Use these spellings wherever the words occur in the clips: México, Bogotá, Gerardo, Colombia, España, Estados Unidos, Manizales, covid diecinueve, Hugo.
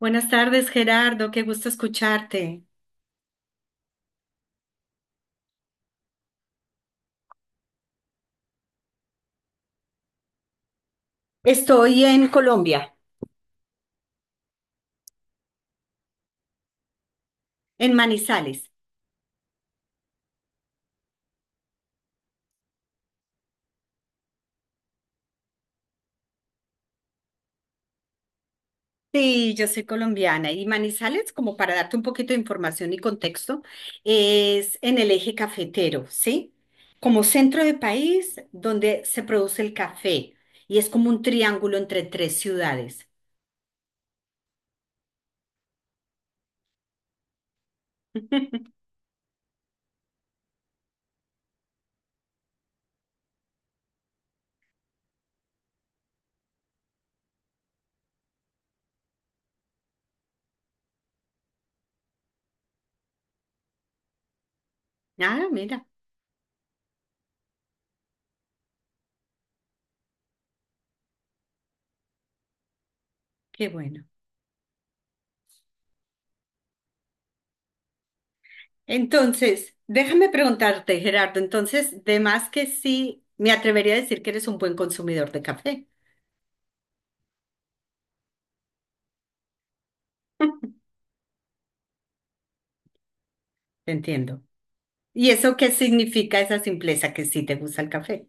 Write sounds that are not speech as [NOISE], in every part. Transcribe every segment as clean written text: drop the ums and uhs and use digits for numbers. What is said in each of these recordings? Buenas tardes, Gerardo. Qué gusto escucharte. Estoy en Colombia. En Manizales. Sí, yo soy colombiana y Manizales, como para darte un poquito de información y contexto, es en el eje cafetero, ¿sí? Como centro de país donde se produce el café y es como un triángulo entre tres ciudades. Ah, mira, qué bueno. Entonces, déjame preguntarte, Gerardo, entonces, de más que sí, me atrevería a decir que eres un buen consumidor de café. Te entiendo. ¿Y eso qué significa esa simpleza que sí te gusta el café?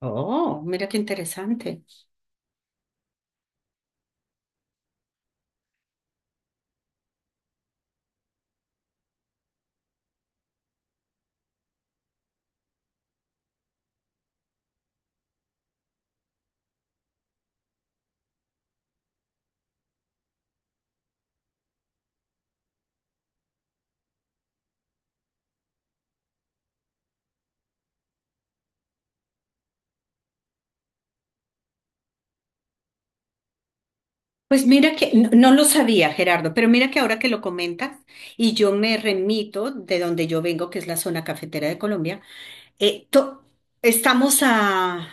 Oh, mira qué interesante. Pues mira que no, no lo sabía, Gerardo, pero mira que ahora que lo comentas y yo me remito de donde yo vengo, que es la zona cafetera de Colombia, eh, to- estamos a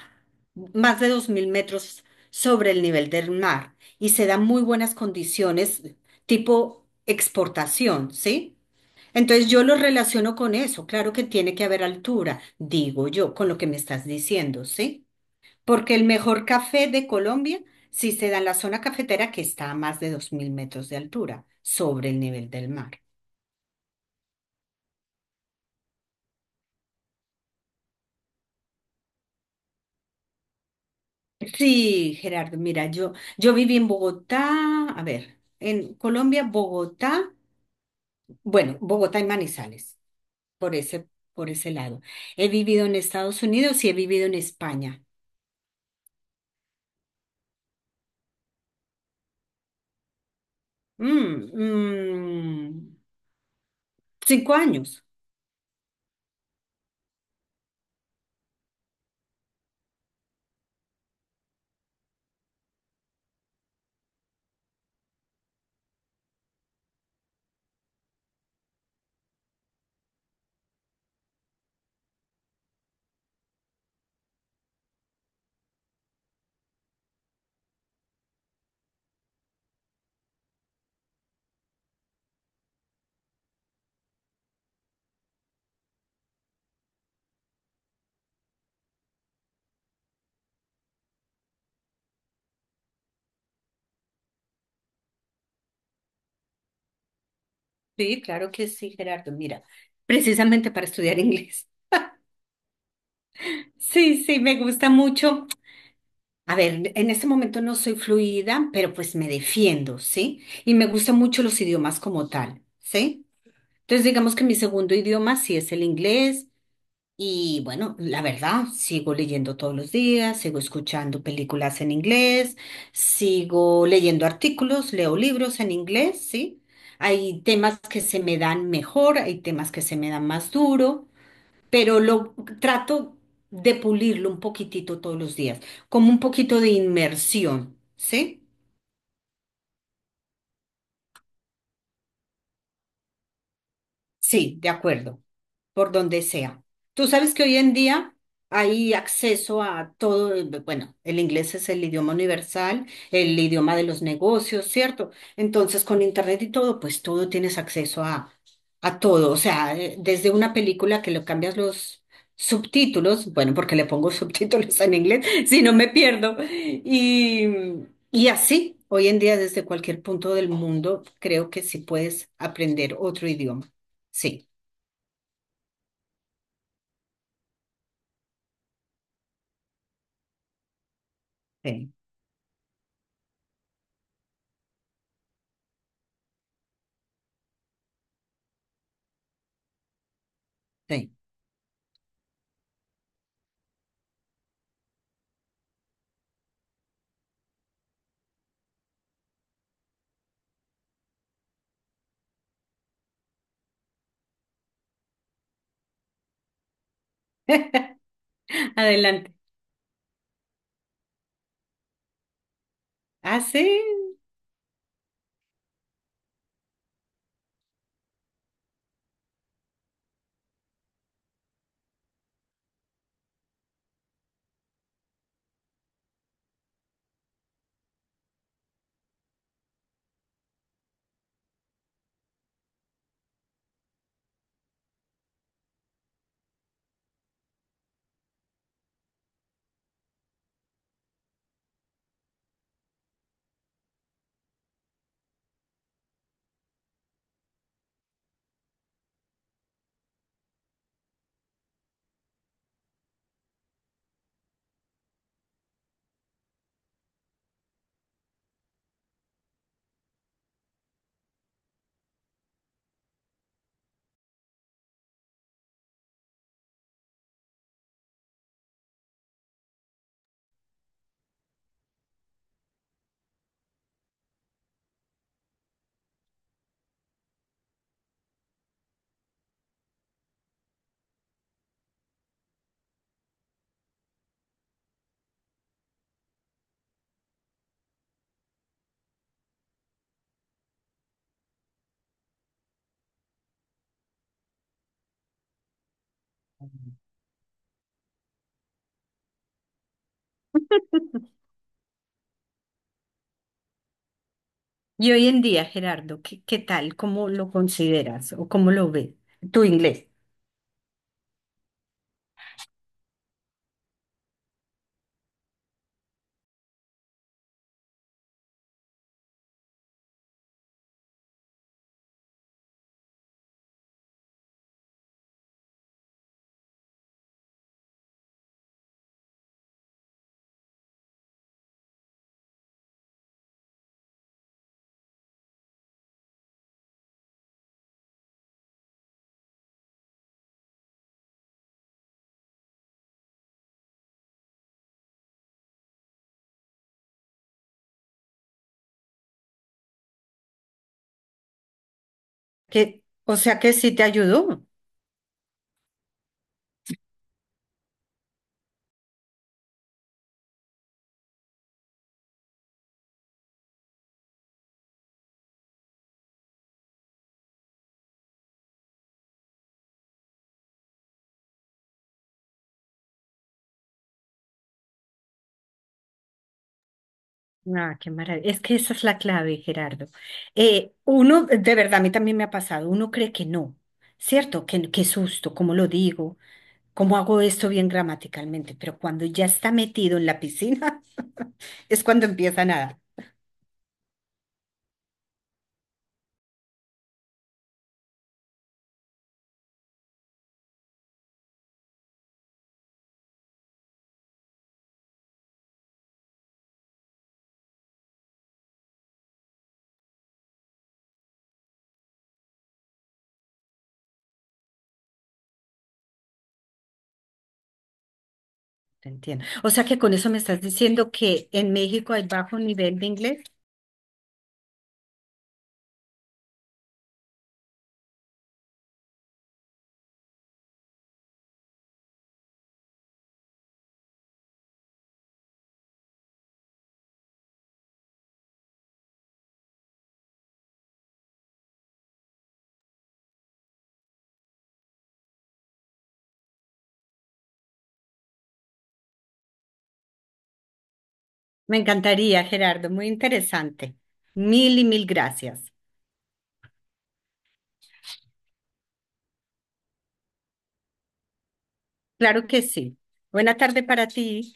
más de 2000 metros sobre el nivel del mar y se dan muy buenas condiciones tipo exportación, ¿sí? Entonces yo lo relaciono con eso. Claro que tiene que haber altura, digo yo, con lo que me estás diciendo, ¿sí? Porque el mejor café de Colombia, sí se da en la zona cafetera que está a más de 2000 metros de altura sobre el nivel del mar. Sí, Gerardo, mira, yo viví en Bogotá, a ver, en Colombia, Bogotá, bueno, Bogotá y Manizales, por ese, por ese lado. He vivido en Estados Unidos y he vivido en España. Mm, mm, 5 años. Sí, claro que sí, Gerardo. Mira, precisamente para estudiar [LAUGHS] inglés. Sí, sí, me gusta mucho. A ver, en este momento no soy fluida, pero pues me defiendo, ¿sí? Y me gustan mucho los idiomas como tal, ¿sí? Entonces digamos que mi segundo idioma sí es el inglés y bueno, la verdad, sigo leyendo todos los días, sigo escuchando películas en inglés, sigo leyendo artículos, leo libros en inglés, ¿sí? Hay temas que se me dan mejor, hay temas que se me dan más duro, pero lo trato de pulirlo un poquitito todos los días, como un poquito de inmersión, ¿sí? Sí, de acuerdo, por donde sea. Tú sabes que hoy en día hay acceso a todo, bueno, el inglés es el idioma universal, el idioma de los negocios, ¿cierto? Entonces, con internet y todo, pues todo tienes acceso a todo. O sea, desde una película que le cambias los subtítulos, bueno, porque le pongo [LAUGHS] subtítulos en inglés, [LAUGHS] si no me pierdo. Y así, hoy en día, desde cualquier punto del mundo, creo que sí puedes aprender otro idioma. Sí, sí, sí. Adelante. Ah, sí. Y hoy en día, Gerardo, ¿qué, qué tal? ¿Cómo lo consideras o cómo lo ves tu inglés? Que o sea que sí te ayudó. Ah, qué maravilla. Es que esa es la clave, Gerardo. Uno, de verdad, a mí también me ha pasado, uno cree que no, ¿cierto? Que, qué susto, ¿cómo lo digo? ¿Cómo hago esto bien gramaticalmente? Pero cuando ya está metido en la piscina, [LAUGHS] es cuando empieza a nadar. Te entiendo. O sea que con eso me estás diciendo que en México hay bajo nivel de inglés. Me encantaría, Gerardo, muy interesante. Mil y mil gracias. Claro que sí. Buena tarde para ti.